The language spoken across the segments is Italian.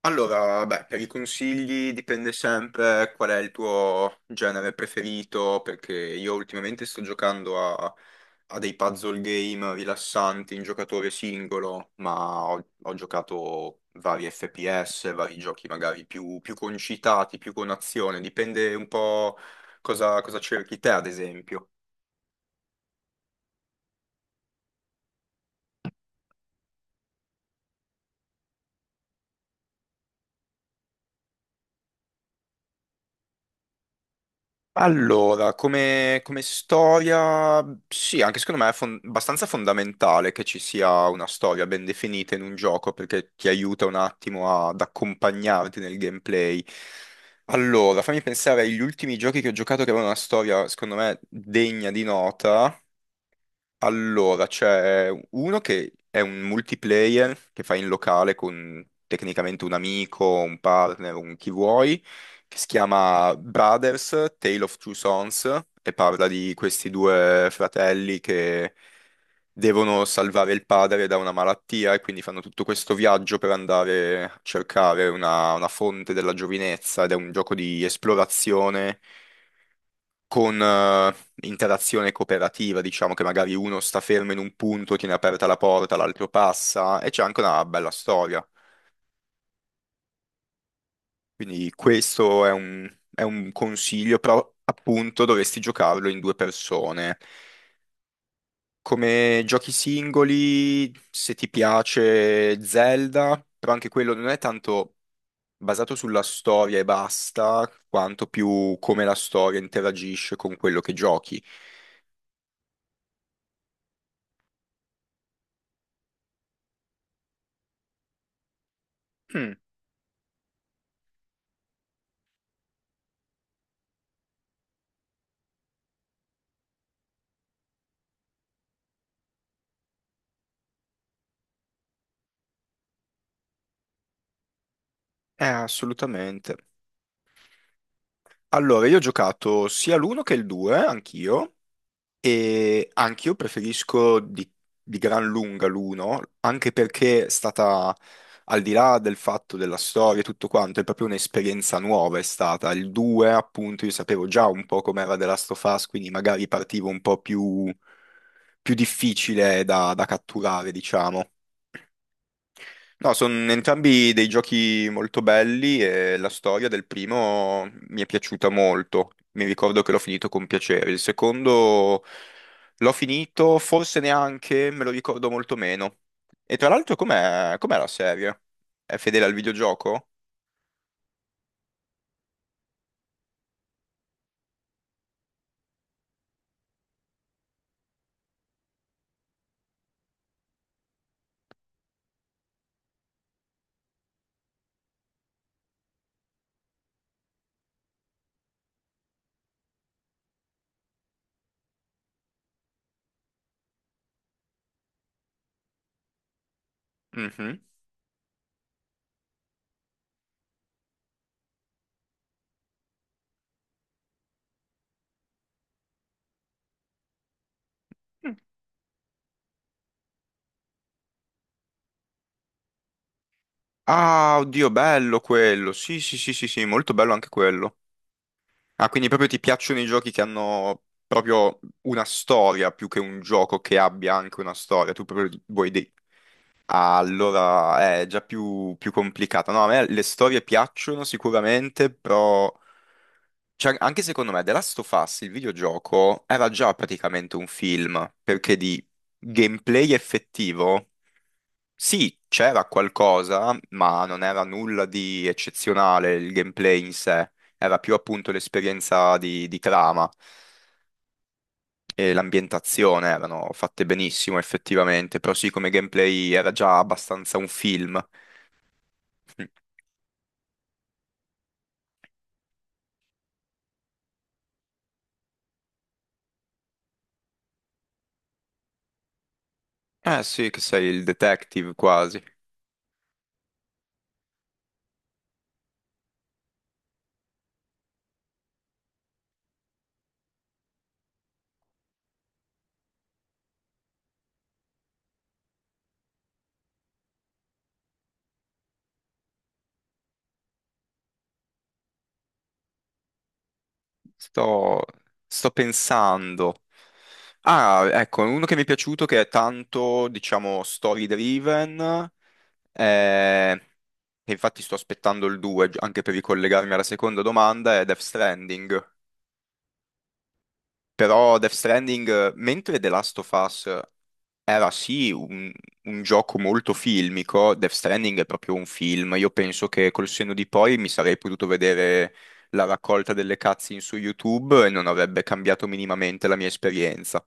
Allora, beh, per i consigli dipende sempre qual è il tuo genere preferito, perché io ultimamente sto giocando a dei puzzle game rilassanti in giocatore singolo, ma ho giocato vari FPS, vari giochi magari più concitati, più con azione, dipende un po' cosa cerchi te, ad esempio. Allora, come storia, sì, anche secondo me è abbastanza fondamentale che ci sia una storia ben definita in un gioco perché ti aiuta un attimo ad accompagnarti nel gameplay. Allora, fammi pensare agli ultimi giochi che ho giocato che avevano una storia, secondo me, degna di nota. Allora, c'è uno che è un multiplayer che fai in locale con tecnicamente un amico, un partner, un chi vuoi, che si chiama Brothers, Tale of Two Sons, e parla di questi due fratelli che devono salvare il padre da una malattia e quindi fanno tutto questo viaggio per andare a cercare una fonte della giovinezza ed è un gioco di esplorazione con interazione cooperativa, diciamo che magari uno sta fermo in un punto, tiene aperta la porta, l'altro passa e c'è anche una bella storia. Quindi questo è è un consiglio, però appunto dovresti giocarlo in due persone. Come giochi singoli, se ti piace Zelda, però anche quello non è tanto basato sulla storia e basta, quanto più come la storia interagisce con quello che giochi. Mm, assolutamente. Allora, io ho giocato sia l'uno che il 2, anch'io, e anch'io preferisco di gran lunga l'uno, anche perché è stata, al di là del fatto della storia e tutto quanto, è proprio un'esperienza nuova è stata. Il 2, appunto, io sapevo già un po' com'era The Last of Us, quindi magari partivo un po' più, più difficile da catturare, diciamo. No, sono entrambi dei giochi molto belli e la storia del primo mi è piaciuta molto. Mi ricordo che l'ho finito con piacere. Il secondo l'ho finito, forse neanche, me lo ricordo molto meno. E tra l'altro, com'è la serie? È fedele al videogioco? Mhm. Mm. Ah, oddio, bello quello. Sì, sì, sì, sì, sì, molto bello anche quello. Ah, quindi proprio ti piacciono i giochi che hanno proprio una storia più che un gioco che abbia anche una storia. Tu proprio vuoi dei... Allora, è già più complicata. No, a me le storie piacciono sicuramente, però cioè, anche secondo me The Last of Us, il videogioco, era già praticamente un film, perché di gameplay effettivo, sì, c'era qualcosa, ma non era nulla di eccezionale il gameplay in sé. Era più appunto l'esperienza di trama e l'ambientazione erano fatte benissimo effettivamente, però sì, come gameplay era già abbastanza un film. Eh sì, che sei il detective quasi. Sto, sto pensando. Ah, ecco, uno che mi è piaciuto che è tanto, diciamo, story driven, eh, e infatti sto aspettando il 2 anche per ricollegarmi alla seconda domanda, è Death Stranding. Però Death Stranding, mentre The Last of Us era sì un gioco molto filmico, Death Stranding è proprio un film, io penso che col senno di poi mi sarei potuto vedere la raccolta delle cutscene su YouTube e non avrebbe cambiato minimamente la mia esperienza.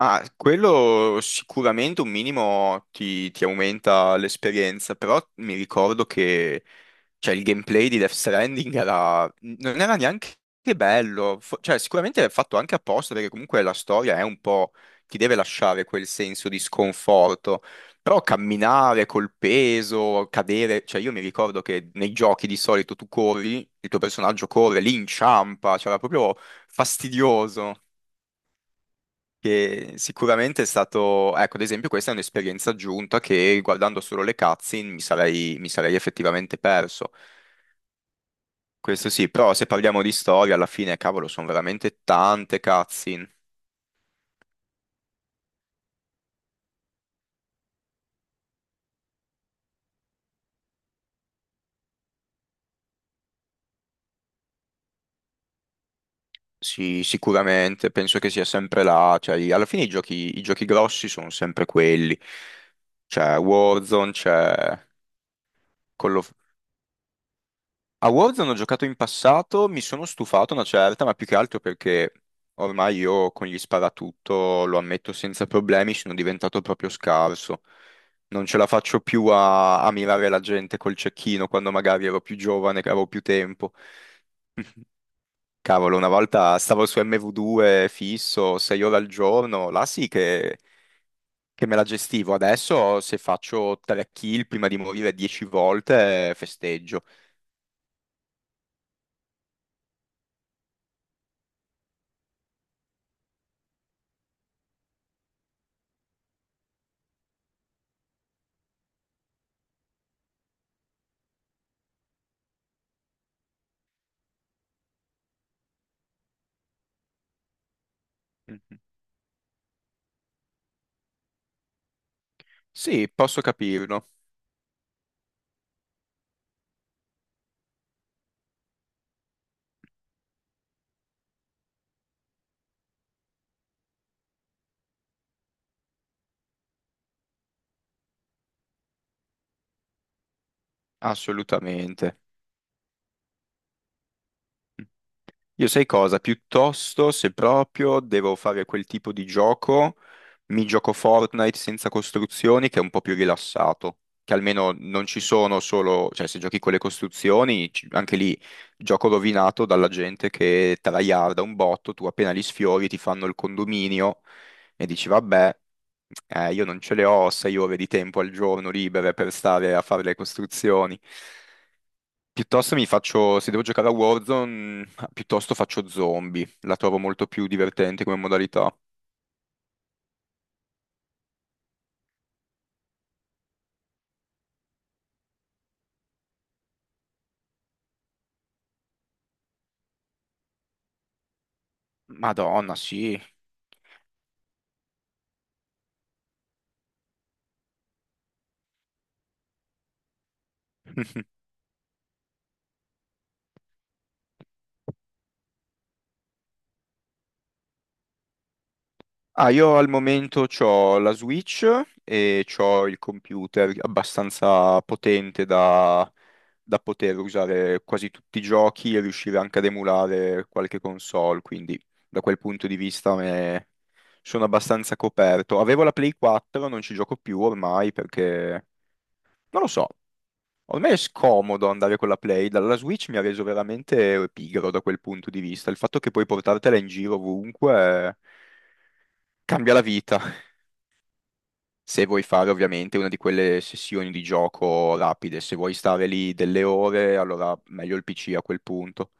Ah, quello sicuramente un minimo ti aumenta l'esperienza, però mi ricordo che cioè, il gameplay di Death Stranding era, non era neanche bello, cioè sicuramente è fatto anche apposta perché comunque la storia è un po', ti deve lasciare quel senso di sconforto, però camminare col peso, cadere, cioè io mi ricordo che nei giochi di solito tu corri, il tuo personaggio corre, lì inciampa, cioè era proprio fastidioso. Che sicuramente è stato, ecco, ad esempio, questa è un'esperienza aggiunta che guardando solo le cutscene mi sarei effettivamente perso. Questo sì, però se parliamo di storia, alla fine, cavolo, sono veramente tante cutscene. Sì, sicuramente, penso che sia sempre là. Cioè, alla fine i giochi grossi sono sempre quelli. C'è Warzone, c'è Call of... A Warzone ho giocato in passato, mi sono stufato una certa, ma più che altro perché ormai io con gli sparatutto, lo ammetto senza problemi, sono diventato proprio scarso. Non ce la faccio più a mirare la gente col cecchino quando magari ero più giovane, che avevo più tempo. Cavolo, una volta stavo su MW2 fisso, 6 ore al giorno, là sì che me la gestivo. Adesso se faccio 3 kill prima di morire 10 volte, festeggio. Mhm. Sì, posso capirlo. Assolutamente. Io sai cosa? Piuttosto, se proprio devo fare quel tipo di gioco, mi gioco Fortnite senza costruzioni, che è un po' più rilassato. Che almeno non ci sono solo, cioè se giochi con le costruzioni, anche lì gioco rovinato dalla gente che tryharda un botto, tu appena li sfiori ti fanno il condominio e dici vabbè, io non ce le ho 6 ore di tempo al giorno libere per stare a fare le costruzioni. Piuttosto mi faccio, se devo giocare a Warzone, piuttosto faccio zombie, la trovo molto più divertente come modalità. Madonna, sì. Ah, io al momento ho la Switch e ho il computer abbastanza potente da, da poter usare quasi tutti i giochi e riuscire anche ad emulare qualche console, quindi da quel punto di vista sono abbastanza coperto. Avevo la Play 4, non ci gioco più ormai perché non lo so, ormai è scomodo andare con la Play, dalla Switch mi ha reso veramente pigro da quel punto di vista. Il fatto che puoi portartela in giro ovunque cambia la vita. Se vuoi fare ovviamente una di quelle sessioni di gioco rapide, se vuoi stare lì delle ore, allora meglio il PC a quel punto.